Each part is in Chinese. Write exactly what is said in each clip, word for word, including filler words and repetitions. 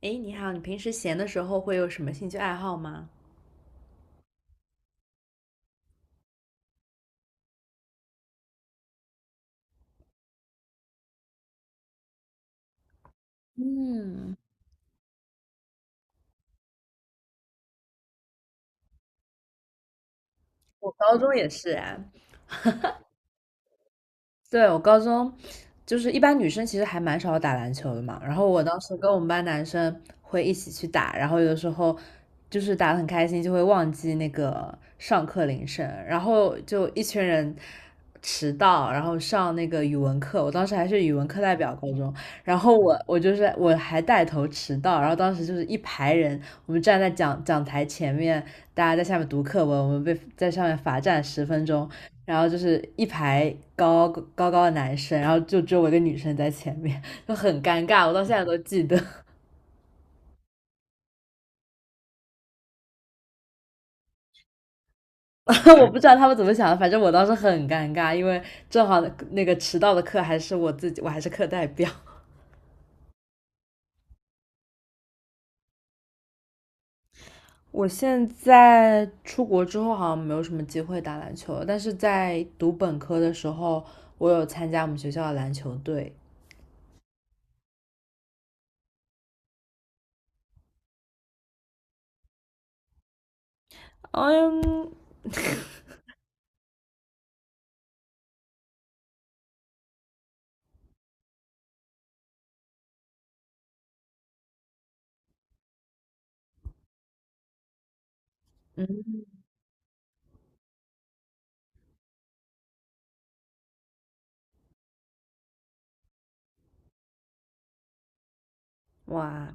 哎，你好，你平时闲的时候会有什么兴趣爱好吗？嗯，我高中也是啊。对，我高中就是一般女生其实还蛮少打篮球的嘛，然后我当时跟我们班男生会一起去打，然后有的时候就是打的很开心，就会忘记那个上课铃声，然后就一群人迟到，然后上那个语文课，我当时还是语文课代表高中，然后我我就是我还带头迟到，然后当时就是一排人，我们站在讲讲台前面，大家在下面读课文，我们被在上面罚站十分钟，然后就是一排高高高的男生，然后就只有我一个女生在前面，就很尴尬，我到现在都记得。我不知道他们怎么想的，反正我当时很尴尬，因为正好那个迟到的课还是我自己，我还是课代表。我现在出国之后好像没有什么机会打篮球，但是在读本科的时候，我有参加我们学校的篮球队。嗯嗯。哇。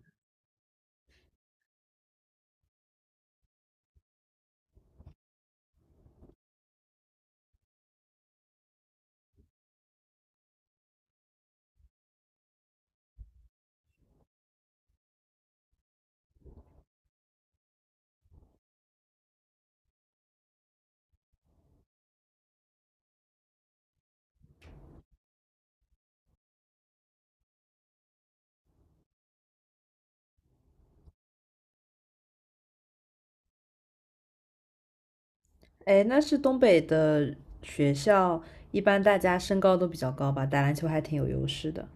哎，那是东北的学校，一般大家身高都比较高吧，打篮球还挺有优势的。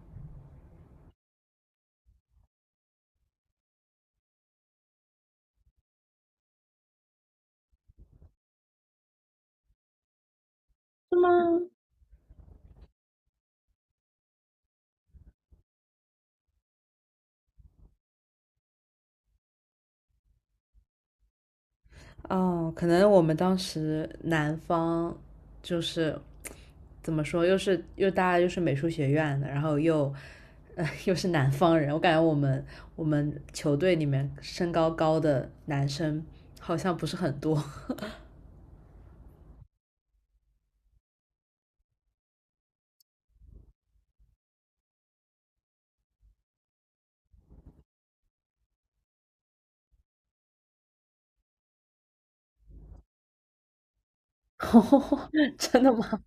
哦，可能我们当时南方就是怎么说，又是又大家又是美术学院的，然后又呃 又是南方人，我感觉我们我们球队里面身高高的男生好像不是很多。哦，真的吗？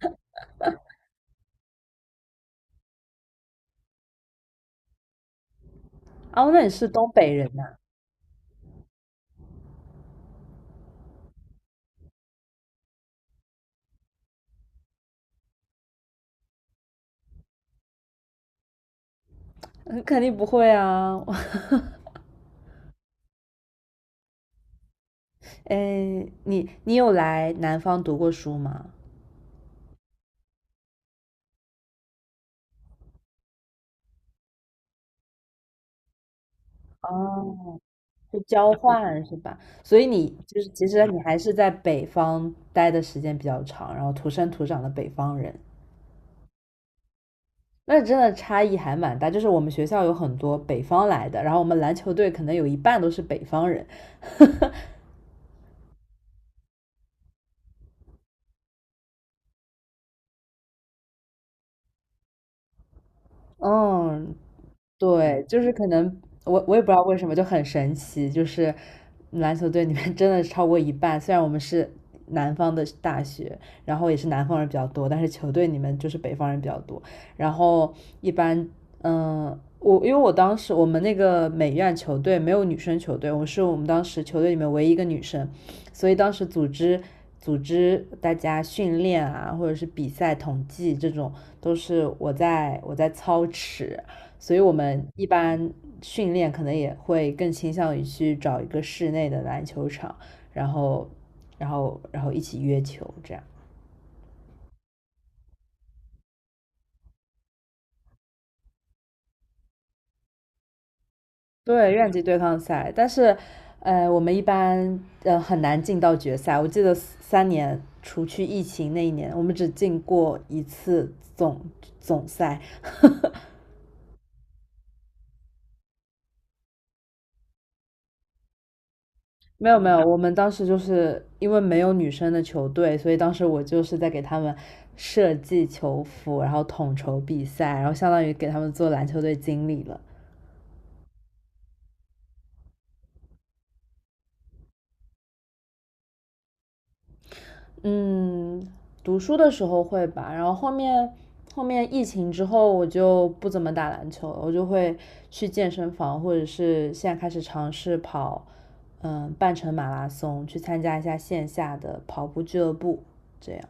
哦，那你是东北人呐？嗯，肯定不会啊。哎，你你有来南方读过书吗？哦，就交 换是吧？所以你就是其实你还是在北方待的时间比较长，然后土生土长的北方人，那真的差异还蛮大。就是我们学校有很多北方来的，然后我们篮球队可能有一半都是北方人。嗯，对，就是可能我我也不知道为什么就很神奇，就是篮球队里面 真的超过一半，虽然我们是南方的大学，然后也是南方人比较多，但是球队里面就是北方人比较多。然后一般，嗯，我因为我当时我们那个美院球队没有女生球队，我是我们当时球队里面唯一一个女生，所以当时组织组织大家训练啊，或者是比赛统计这种，都是我在我在操持，所以我们一般训练可能也会更倾向于去找一个室内的篮球场，然后，然后，然后一起约球这样。对，院级对抗赛，但是，呃，我们一般呃很难进到决赛。我记得三年，除去疫情那一年，我们只进过一次总总赛。没有没有，我们当时就是因为没有女生的球队，所以当时我就是在给他们设计球服，然后统筹比赛，然后相当于给他们做篮球队经理了。嗯，读书的时候会吧，然后后面后面疫情之后我就不怎么打篮球了，我就会去健身房，或者是现在开始尝试跑，嗯，半程马拉松，去参加一下线下的跑步俱乐部，这样。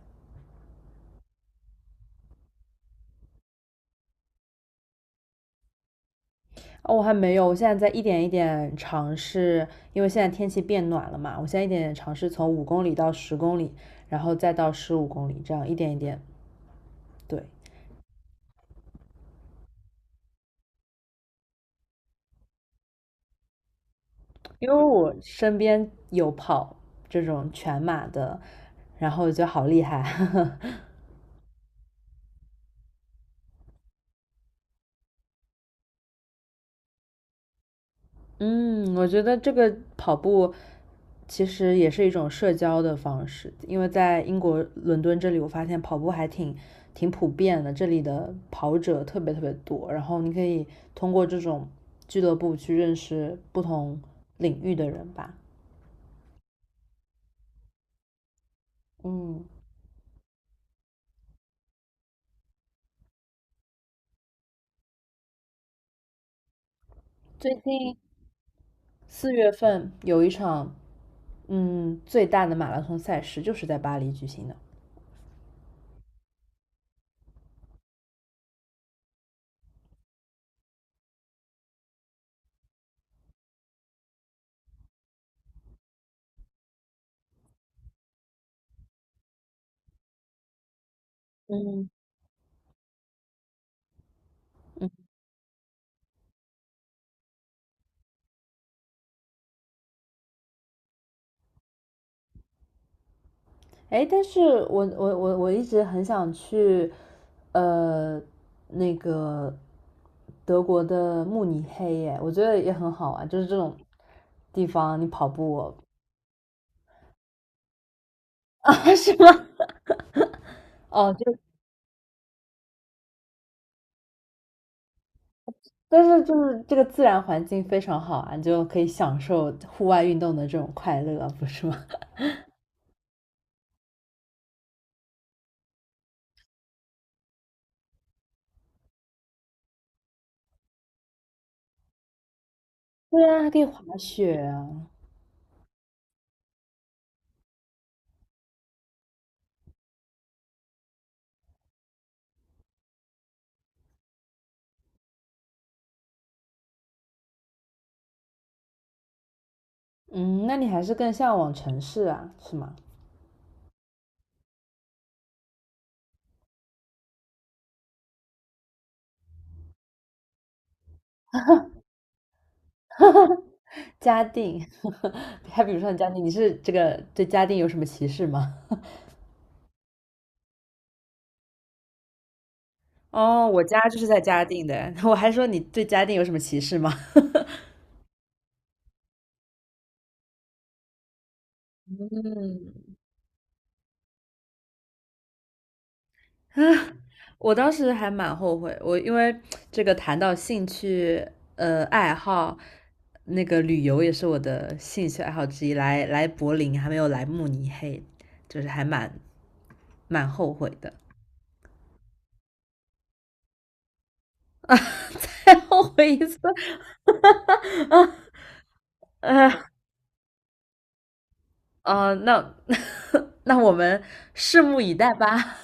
哦，我还没有，我现在在一点一点尝试，因为现在天气变暖了嘛，我现在一点点尝试从五公里到十公里，然后再到十五公里，这样一点一点。对，因为我身边有跑这种全马的，然后我觉得好厉害。嗯，我觉得这个跑步其实也是一种社交的方式，因为在英国伦敦这里，我发现跑步还挺挺普遍的，这里的跑者特别特别多，然后你可以通过这种俱乐部去认识不同领域的人吧。嗯，最近四月份有一场嗯最大的马拉松赛事，就是在巴黎举行的。哎，但是我我我我一直很想去，呃，那个德国的慕尼黑耶，我觉得也很好玩，就是这种地方你跑步。 啊，是吗？哦，就但是就是这个自然环境非常好啊，你就可以享受户外运动的这种快乐，不是吗？对啊，还可以滑雪啊。嗯，那你还是更向往城市啊，是吗？嘉定，还比如说你嘉定，你是这个对嘉定有什么歧视吗？哦，我家就是在嘉定的，我还说你对嘉定有什么歧视吗？嗯，我当时还蛮后悔，我因为这个谈到兴趣，呃，爱好，那个旅游也是我的兴趣爱好之一。来来柏林，还没有来慕尼黑，就是还蛮蛮后悔的。再后悔一次。啊，呃，哦、那 那我们拭目以待吧。